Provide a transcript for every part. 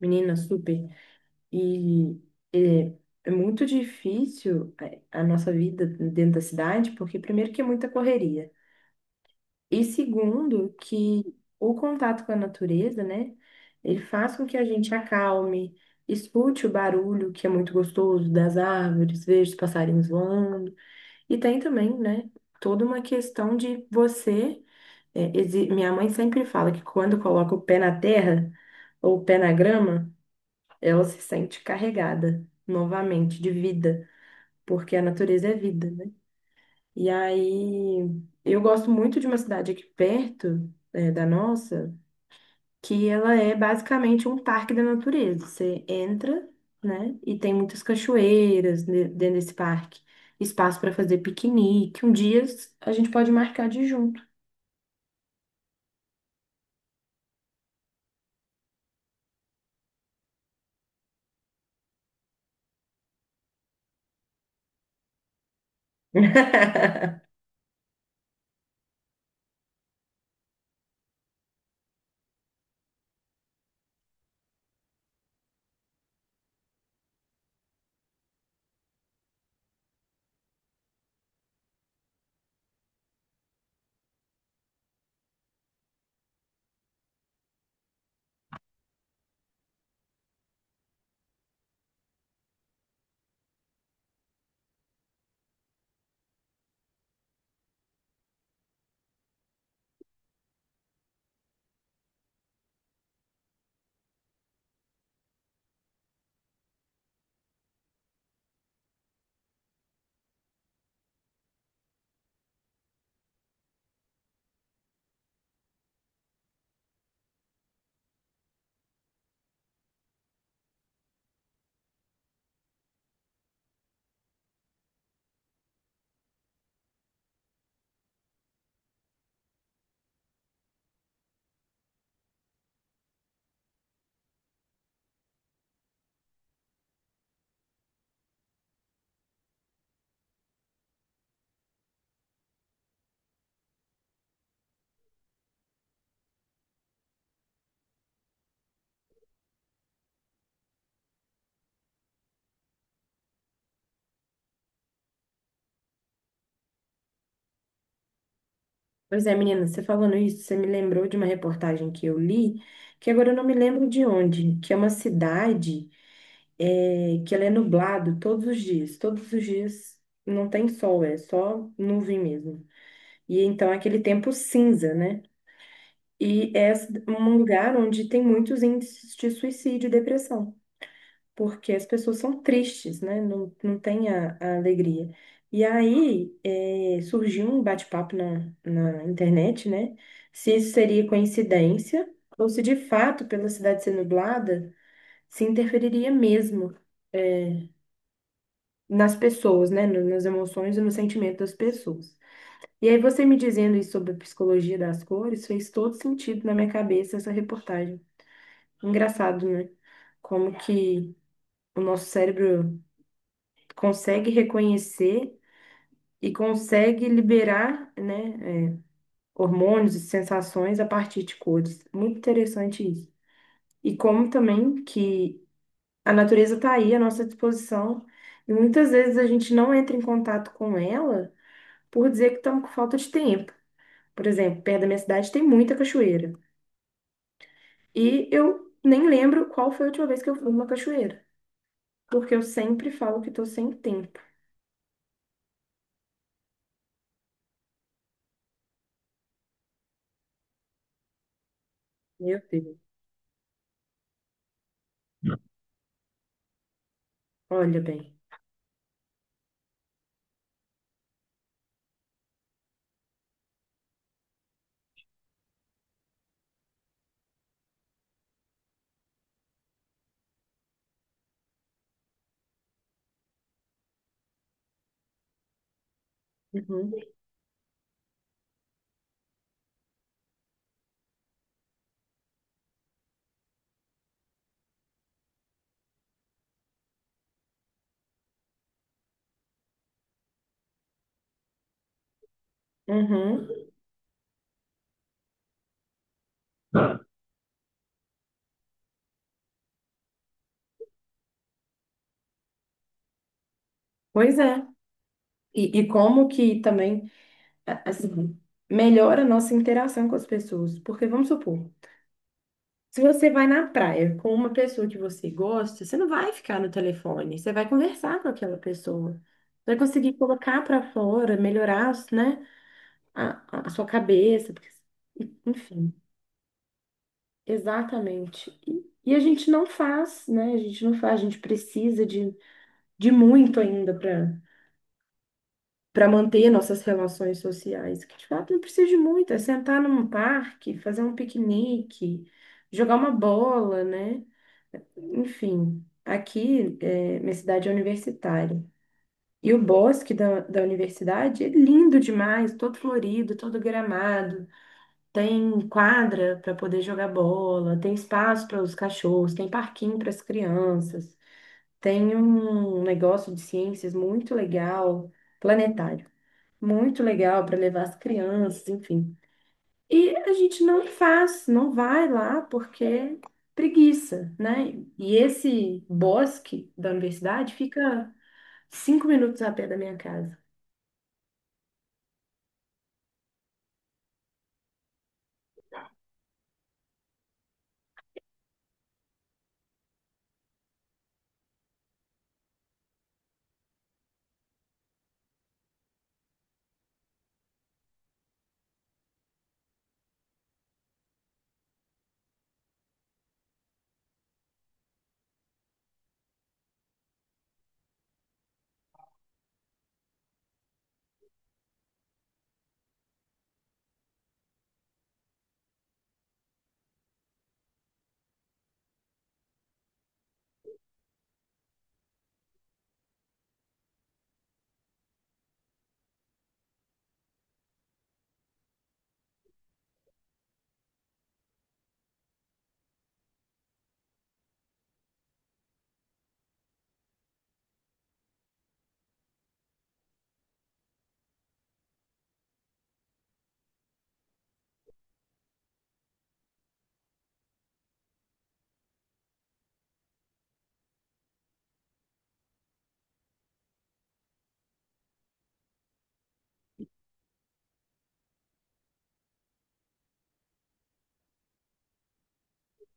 Menina, super. E é, é muito difícil a nossa vida dentro da cidade, porque primeiro que é muita correria. E segundo, que o contato com a natureza, né? Ele faz com que a gente acalme, escute o barulho, que é muito gostoso, das árvores, veja os passarinhos voando. E tem também, né? Toda uma questão de você. Minha mãe sempre fala que quando coloca o pé na terra ou o pé na grama, ela se sente carregada novamente de vida, porque a natureza é vida, né? E aí, eu gosto muito de uma cidade aqui perto, da nossa, que ela é basicamente um parque da natureza. Você entra, né? E tem muitas cachoeiras dentro desse parque. Espaço para fazer piquenique. Um dia a gente pode marcar de ir junto. Pois é, menina, você falando isso, você me lembrou de uma reportagem que eu li, que agora eu não me lembro de onde, que é uma cidade que ela é nublado todos os dias. Todos os dias não tem sol, é só nuvem mesmo. E então é aquele tempo cinza, né? E é um lugar onde tem muitos índices de suicídio e depressão, porque as pessoas são tristes, né? Não tem a alegria. E aí é, surgiu um bate-papo na internet, né? Se isso seria coincidência ou se de fato, pela cidade ser nublada, se interferiria mesmo é, nas pessoas, né? Nas emoções e no sentimento das pessoas. E aí você me dizendo isso sobre a psicologia das cores fez todo sentido na minha cabeça essa reportagem. Engraçado, né? Como que o nosso cérebro consegue reconhecer e consegue liberar, né, hormônios e sensações a partir de cores. Muito interessante isso. E como também que a natureza está aí à nossa disposição e muitas vezes a gente não entra em contato com ela por dizer que estão com falta de tempo. Por exemplo, perto da minha cidade tem muita cachoeira. E eu nem lembro qual foi a última vez que eu fui numa cachoeira, porque eu sempre falo que estou sem tempo. Meu Deus, olha bem. Uhum, uhum. Pois é. E como que também, assim, melhora a nossa interação com as pessoas. Porque vamos supor, se você vai na praia com uma pessoa que você gosta, você não vai ficar no telefone, você vai conversar com aquela pessoa. Vai conseguir colocar para fora, melhorar, né, a sua cabeça, enfim, exatamente. E a gente não faz, né? A gente não faz, a gente precisa de muito ainda para manter nossas relações sociais, que de fato não precisa de muito, é sentar num parque, fazer um piquenique, jogar uma bola, né? Enfim, aqui, é, minha cidade é universitária. E o bosque da universidade é lindo demais, todo florido, todo gramado. Tem quadra para poder jogar bola, tem espaço para os cachorros, tem parquinho para as crianças, tem um negócio de ciências muito legal, planetário, muito legal para levar as crianças, enfim. E a gente não faz, não vai lá porque é preguiça, né? E esse bosque da universidade fica 5 minutos a pé da minha casa.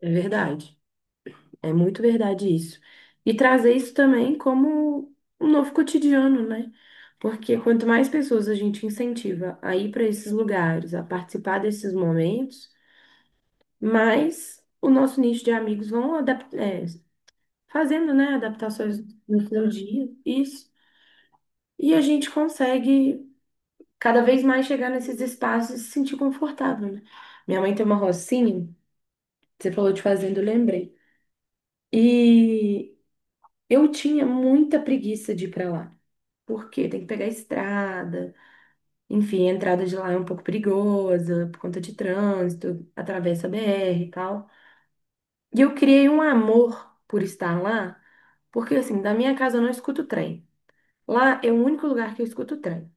É verdade. É muito verdade isso. E trazer isso também como um novo cotidiano, né? Porque quanto mais pessoas a gente incentiva a ir para esses lugares, a participar desses momentos, mais o nosso nicho de amigos vão fazendo, né, adaptações no seu dia. Isso. E a gente consegue cada vez mais chegar nesses espaços e se sentir confortável, né? Minha mãe tem uma rocinha, você falou de fazenda, eu lembrei. E eu tinha muita preguiça de ir pra lá. Porque tem que pegar a estrada, enfim, a entrada de lá é um pouco perigosa por conta de trânsito, atravessa a BR e tal. E eu criei um amor por estar lá, porque assim, da minha casa eu não escuto trem. Lá é o único lugar que eu escuto trem.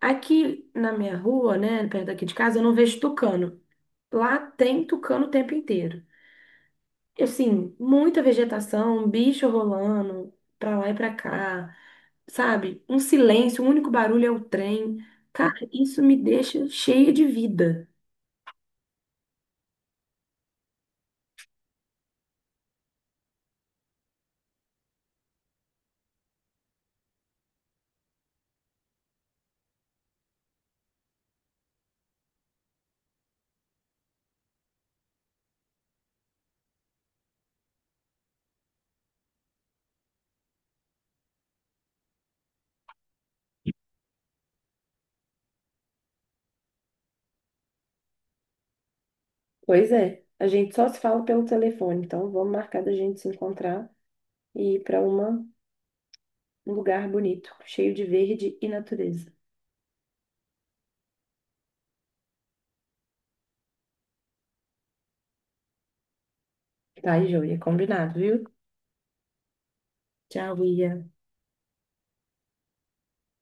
Aqui na minha rua, né, perto daqui de casa, eu não vejo tucano. Lá tem tucano o tempo inteiro. E, assim, muita vegetação, um bicho rolando pra lá e pra cá, sabe? Um silêncio, o único barulho é o trem. Cara, isso me deixa cheia de vida. Pois é, a gente só se fala pelo telefone, então vamos marcar da gente se encontrar e ir para uma um lugar bonito, cheio de verde e natureza. Tá, joia, combinado, viu? Tchau, Ia.